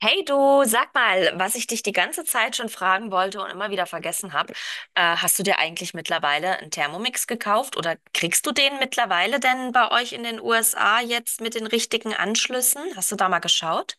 Hey du, sag mal, was ich dich die ganze Zeit schon fragen wollte und immer wieder vergessen habe, hast du dir eigentlich mittlerweile einen Thermomix gekauft oder kriegst du den mittlerweile denn bei euch in den USA jetzt mit den richtigen Anschlüssen? Hast du da mal geschaut?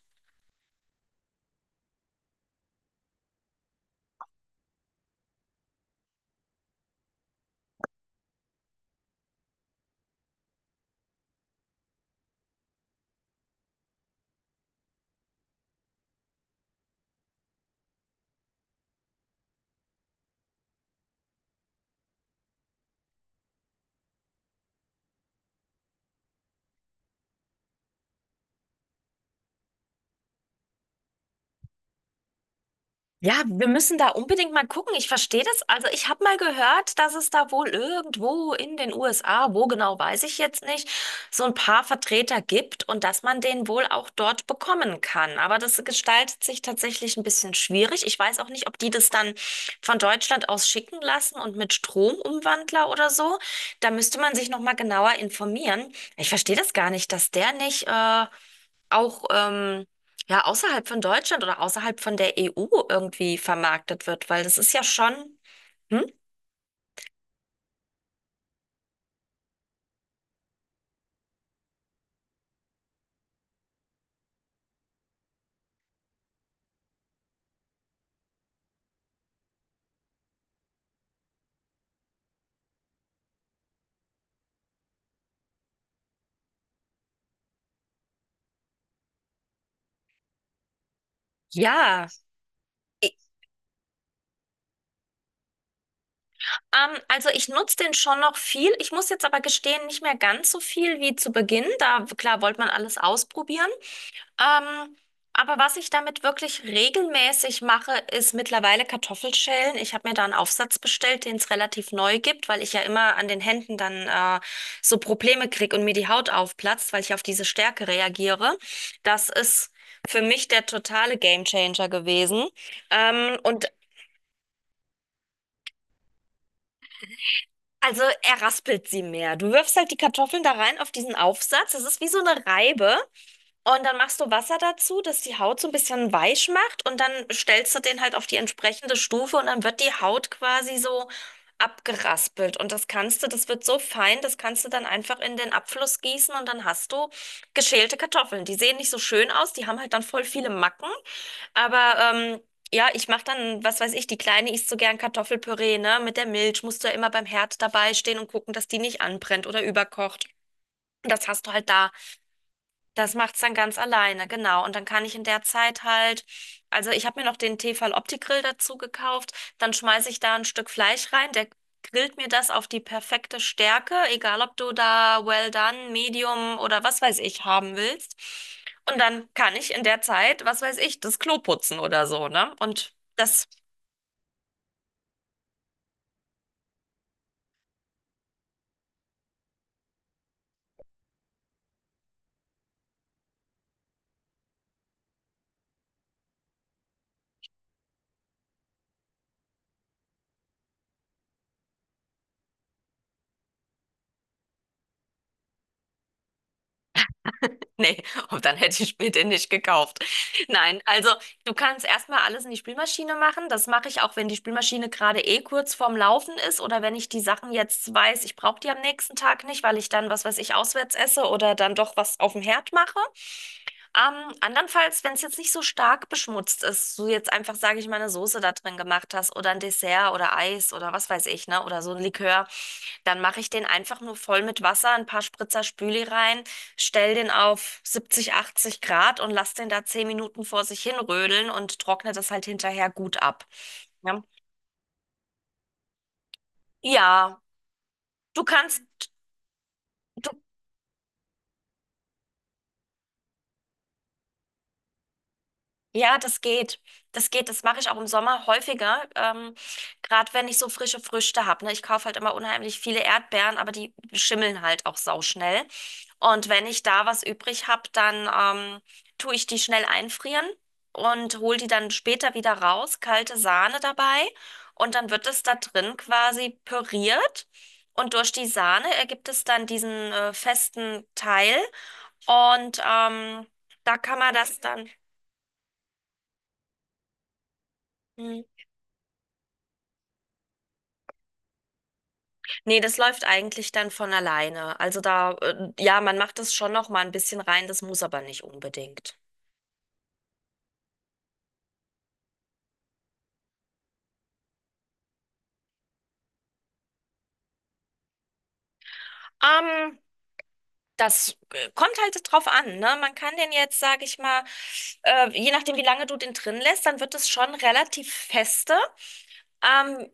Ja, wir müssen da unbedingt mal gucken. Ich verstehe das. Also ich habe mal gehört, dass es da wohl irgendwo in den USA, wo genau weiß ich jetzt nicht, so ein paar Vertreter gibt und dass man den wohl auch dort bekommen kann. Aber das gestaltet sich tatsächlich ein bisschen schwierig. Ich weiß auch nicht, ob die das dann von Deutschland aus schicken lassen und mit Stromumwandler oder so. Da müsste man sich noch mal genauer informieren. Ich verstehe das gar nicht, dass der nicht auch ja, außerhalb von Deutschland oder außerhalb von der EU irgendwie vermarktet wird, weil das ist ja schon, hm? Ja. Ich, also ich nutze den schon noch viel. Ich muss jetzt aber gestehen, nicht mehr ganz so viel wie zu Beginn. Da, klar, wollte man alles ausprobieren. Ähm, aber was ich damit wirklich regelmäßig mache, ist mittlerweile Kartoffelschälen. Ich habe mir da einen Aufsatz bestellt, den es relativ neu gibt, weil ich ja immer an den Händen dann so Probleme kriege und mir die Haut aufplatzt, weil ich auf diese Stärke reagiere. Das ist für mich der totale Gamechanger gewesen. Und also er raspelt sie mehr. Du wirfst halt die Kartoffeln da rein auf diesen Aufsatz. Das ist wie so eine Reibe. Und dann machst du Wasser dazu, das die Haut so ein bisschen weich macht, und dann stellst du den halt auf die entsprechende Stufe und dann wird die Haut quasi so abgeraspelt. Und das kannst du, das wird so fein, das kannst du dann einfach in den Abfluss gießen und dann hast du geschälte Kartoffeln. Die sehen nicht so schön aus, die haben halt dann voll viele Macken, aber ja, ich mache dann, was weiß ich, die Kleine isst so gern Kartoffelpüree, ne? Mit der Milch musst du ja immer beim Herd dabei stehen und gucken, dass die nicht anbrennt oder überkocht. Und das hast du halt da. Das macht's dann ganz alleine, genau. Und dann kann ich in der Zeit halt, also ich habe mir noch den Tefal Opti-Grill dazu gekauft, dann schmeiße ich da ein Stück Fleisch rein, der grillt mir das auf die perfekte Stärke, egal ob du da well done, medium oder was weiß ich haben willst. Und dann kann ich in der Zeit, was weiß ich, das Klo putzen oder so, ne? Und das Nee, und dann hätte ich mir den nicht gekauft. Nein, also du kannst erstmal alles in die Spülmaschine machen. Das mache ich auch, wenn die Spülmaschine gerade eh kurz vorm Laufen ist oder wenn ich die Sachen jetzt weiß, ich brauche die am nächsten Tag nicht, weil ich dann, was weiß ich, auswärts esse oder dann doch was auf dem Herd mache. Andernfalls, wenn es jetzt nicht so stark beschmutzt ist, du jetzt einfach, sage ich mal, eine Soße da drin gemacht hast oder ein Dessert oder Eis oder was weiß ich, ne, oder so ein Likör, dann mache ich den einfach nur voll mit Wasser, ein paar Spritzer Spüli rein, stell den auf 70, 80 Grad und lass den da 10 Minuten vor sich hin rödeln und trockne das halt hinterher gut ab. Ja, ja, du kannst. Ja, das geht. Das geht. Das mache ich auch im Sommer häufiger. Gerade wenn ich so frische Früchte habe. Ne? Ich kaufe halt immer unheimlich viele Erdbeeren, aber die schimmeln halt auch sauschnell. Und wenn ich da was übrig habe, dann ähm, tue ich die schnell einfrieren und hole die dann später wieder raus. Kalte Sahne dabei. Und dann wird es da drin quasi püriert. Und durch die Sahne ergibt es dann diesen festen Teil. Und da kann man das dann. hm, Nee, das läuft eigentlich dann von alleine. Also da, ja, man macht das schon noch mal ein bisschen rein, das muss aber nicht unbedingt. Ähm, Das kommt halt drauf an, ne? Man kann den jetzt, sage ich mal, je nachdem, wie lange du den drin lässt, dann wird es schon relativ feste. Ähm,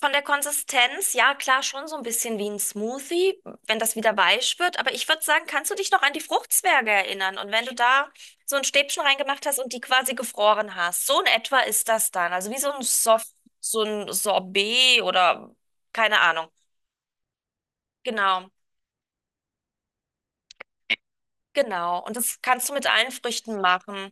Von der Konsistenz, ja klar, schon so ein bisschen wie ein Smoothie, wenn das wieder weich wird. Aber ich würde sagen, kannst du dich noch an die Fruchtzwerge erinnern? Und wenn du da so ein Stäbchen reingemacht hast und die quasi gefroren hast, so in etwa ist das dann. Also wie so ein Soft, so ein Sorbet oder keine Ahnung. Genau, genau. Und das kannst du mit allen Früchten machen.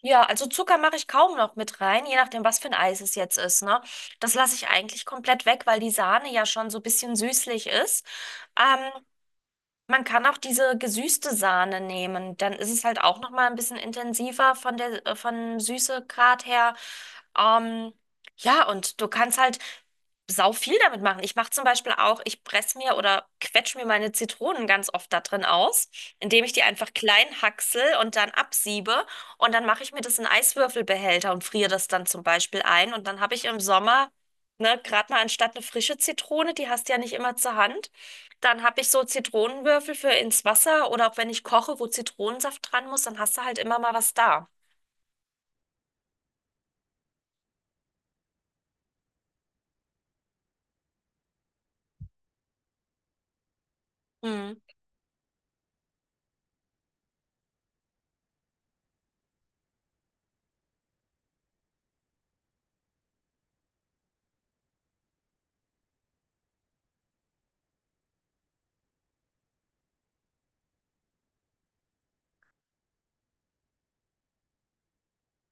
Ja, also Zucker mache ich kaum noch mit rein, je nachdem, was für ein Eis es jetzt ist, ne? Das lasse ich eigentlich komplett weg, weil die Sahne ja schon so ein bisschen süßlich ist. Ähm, Man kann auch diese gesüßte Sahne nehmen, dann ist es halt auch noch mal ein bisschen intensiver von der von Süßegrad her. ähm, ja, und du kannst halt sau viel damit machen. Ich mache zum Beispiel auch, ich presse mir oder quetsche mir meine Zitronen ganz oft da drin aus, indem ich die einfach klein hacksel und dann absiebe. Und dann mache ich mir das in Eiswürfelbehälter und friere das dann zum Beispiel ein. Und dann habe ich im Sommer, ne, gerade mal anstatt eine frische Zitrone, die hast du ja nicht immer zur Hand, dann habe ich so Zitronenwürfel für ins Wasser oder auch wenn ich koche, wo Zitronensaft dran muss, dann hast du halt immer mal was da. Hm.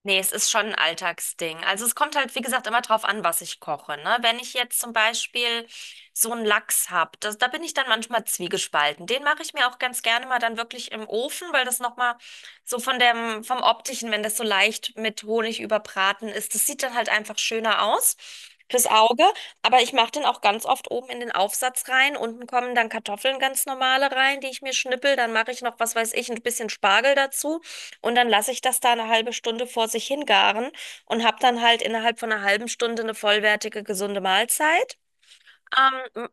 Nee, es ist schon ein Alltagsding. Also es kommt halt, wie gesagt, immer drauf an, was ich koche, ne? Wenn ich jetzt zum Beispiel so einen Lachs hab, das, da bin ich dann manchmal zwiegespalten. Den mache ich mir auch ganz gerne mal dann wirklich im Ofen, weil das nochmal so von dem, vom Optischen, wenn das so leicht mit Honig überbraten ist, das sieht dann halt einfach schöner aus fürs Auge. Aber ich mache den auch ganz oft oben in den Aufsatz rein. Unten kommen dann Kartoffeln ganz normale rein, die ich mir schnippel. Dann mache ich noch, was weiß ich, ein bisschen Spargel dazu. Und dann lasse ich das da eine halbe Stunde vor sich hingaren und habe dann halt innerhalb von einer halben Stunde eine vollwertige, gesunde Mahlzeit. Ähm, m-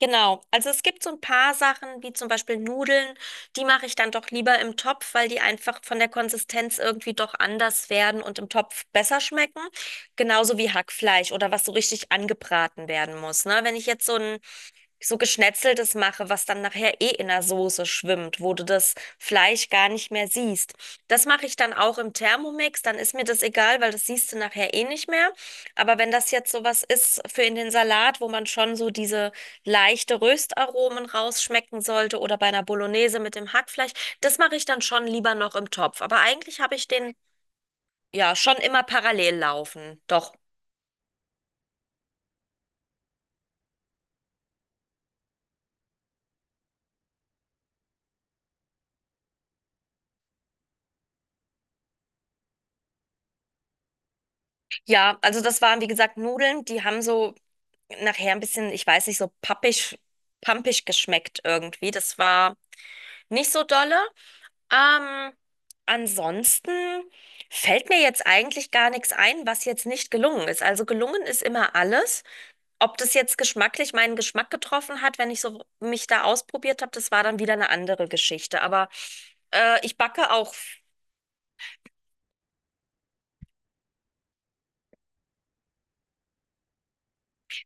genau. Also es gibt so ein paar Sachen, wie zum Beispiel Nudeln, die mache ich dann doch lieber im Topf, weil die einfach von der Konsistenz irgendwie doch anders werden und im Topf besser schmecken. Genauso wie Hackfleisch oder was so richtig angebraten werden muss. Ne? Wenn ich jetzt so Geschnetzeltes mache, was dann nachher eh in der Soße schwimmt, wo du das Fleisch gar nicht mehr siehst. Das mache ich dann auch im Thermomix, dann ist mir das egal, weil das siehst du nachher eh nicht mehr. Aber wenn das jetzt sowas ist für in den Salat, wo man schon so diese leichte Röstaromen rausschmecken sollte oder bei einer Bolognese mit dem Hackfleisch, das mache ich dann schon lieber noch im Topf. Aber eigentlich habe ich den ja schon immer parallel laufen. Doch. Ja, also das waren wie gesagt Nudeln, die haben so nachher ein bisschen, ich weiß nicht, so pappig, pampig geschmeckt irgendwie. Das war nicht so dolle. Ähm, Ansonsten fällt mir jetzt eigentlich gar nichts ein, was jetzt nicht gelungen ist. Also gelungen ist immer alles. Ob das jetzt geschmacklich meinen Geschmack getroffen hat, wenn ich so mich da ausprobiert habe, das war dann wieder eine andere Geschichte. Aber ich backe auch.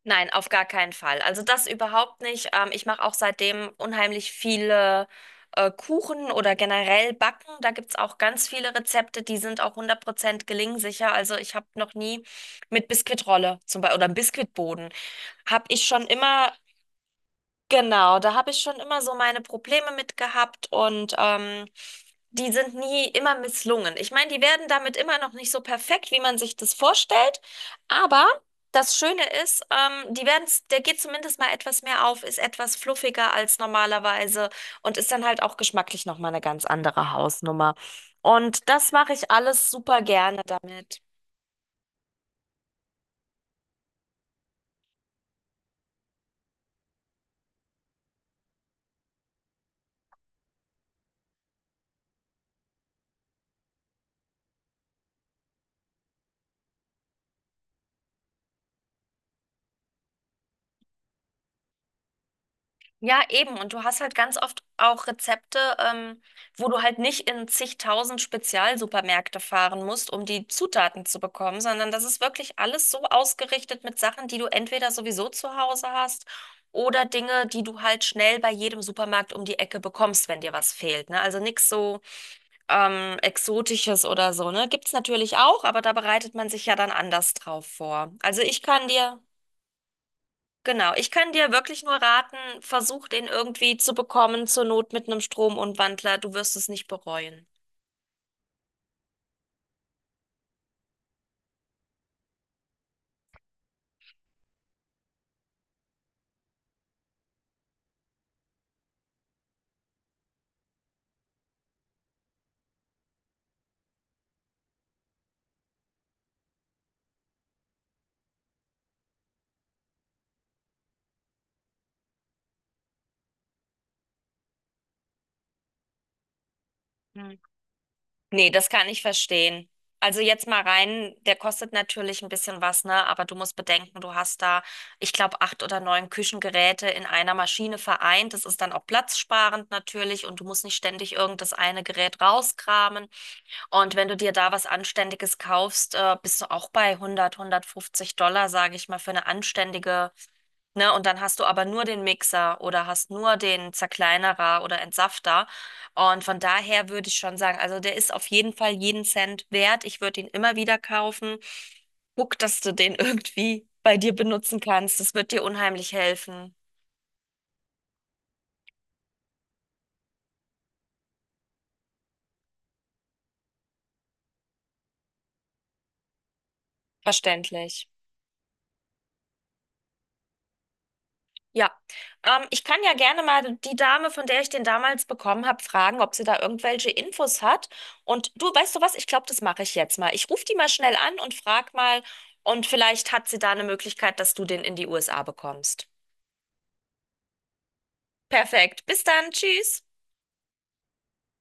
Nein, auf gar keinen Fall. Also das überhaupt nicht. Ich mache auch seitdem unheimlich viele Kuchen oder generell Backen. Da gibt's auch ganz viele Rezepte, die sind auch 100% gelingsicher. Also ich habe noch nie mit Biskuitrolle zum Beispiel oder Biskuitboden, habe ich schon immer. Genau, da habe ich schon immer so meine Probleme mit gehabt, und die sind nie immer misslungen. Ich meine, die werden damit immer noch nicht so perfekt, wie man sich das vorstellt, aber das Schöne ist, die werden, der geht zumindest mal etwas mehr auf, ist etwas fluffiger als normalerweise und ist dann halt auch geschmacklich nochmal eine ganz andere Hausnummer. Und das mache ich alles super gerne damit. Ja, eben. Und du hast halt ganz oft auch Rezepte, wo du halt nicht in zigtausend Spezialsupermärkte fahren musst, um die Zutaten zu bekommen, sondern das ist wirklich alles so ausgerichtet mit Sachen, die du entweder sowieso zu Hause hast oder Dinge, die du halt schnell bei jedem Supermarkt um die Ecke bekommst, wenn dir was fehlt, ne? Also nichts so Exotisches oder so, ne? Gibt's natürlich auch, aber da bereitet man sich ja dann anders drauf vor. Also ich kann dir. Genau, ich kann dir wirklich nur raten, versuch den irgendwie zu bekommen, zur Not mit einem Stromumwandler. Du wirst es nicht bereuen. Hm. Nee, das kann ich verstehen. Also jetzt mal rein, der kostet natürlich ein bisschen was, ne? Aber du musst bedenken, du hast da, ich glaube, 8 oder 9 Küchengeräte in einer Maschine vereint. Das ist dann auch platzsparend natürlich und du musst nicht ständig irgenddas eine Gerät rauskramen. Und wenn du dir da was Anständiges kaufst, bist du auch bei 100, 150 Dollar, sage ich mal, für eine anständige. Ne? Und dann hast du aber nur den Mixer oder hast nur den Zerkleinerer oder Entsafter. Und von daher würde ich schon sagen, also der ist auf jeden Fall jeden Cent wert. Ich würde ihn immer wieder kaufen. Guck, dass du den irgendwie bei dir benutzen kannst. Das wird dir unheimlich helfen. Verständlich. Ja, ich kann ja gerne mal die Dame, von der ich den damals bekommen habe, fragen, ob sie da irgendwelche Infos hat. Und du, weißt du was? Ich glaube, das mache ich jetzt mal. Ich rufe die mal schnell an und frag mal. Und vielleicht hat sie da eine Möglichkeit, dass du den in die USA bekommst. Perfekt. Bis dann. Tschüss.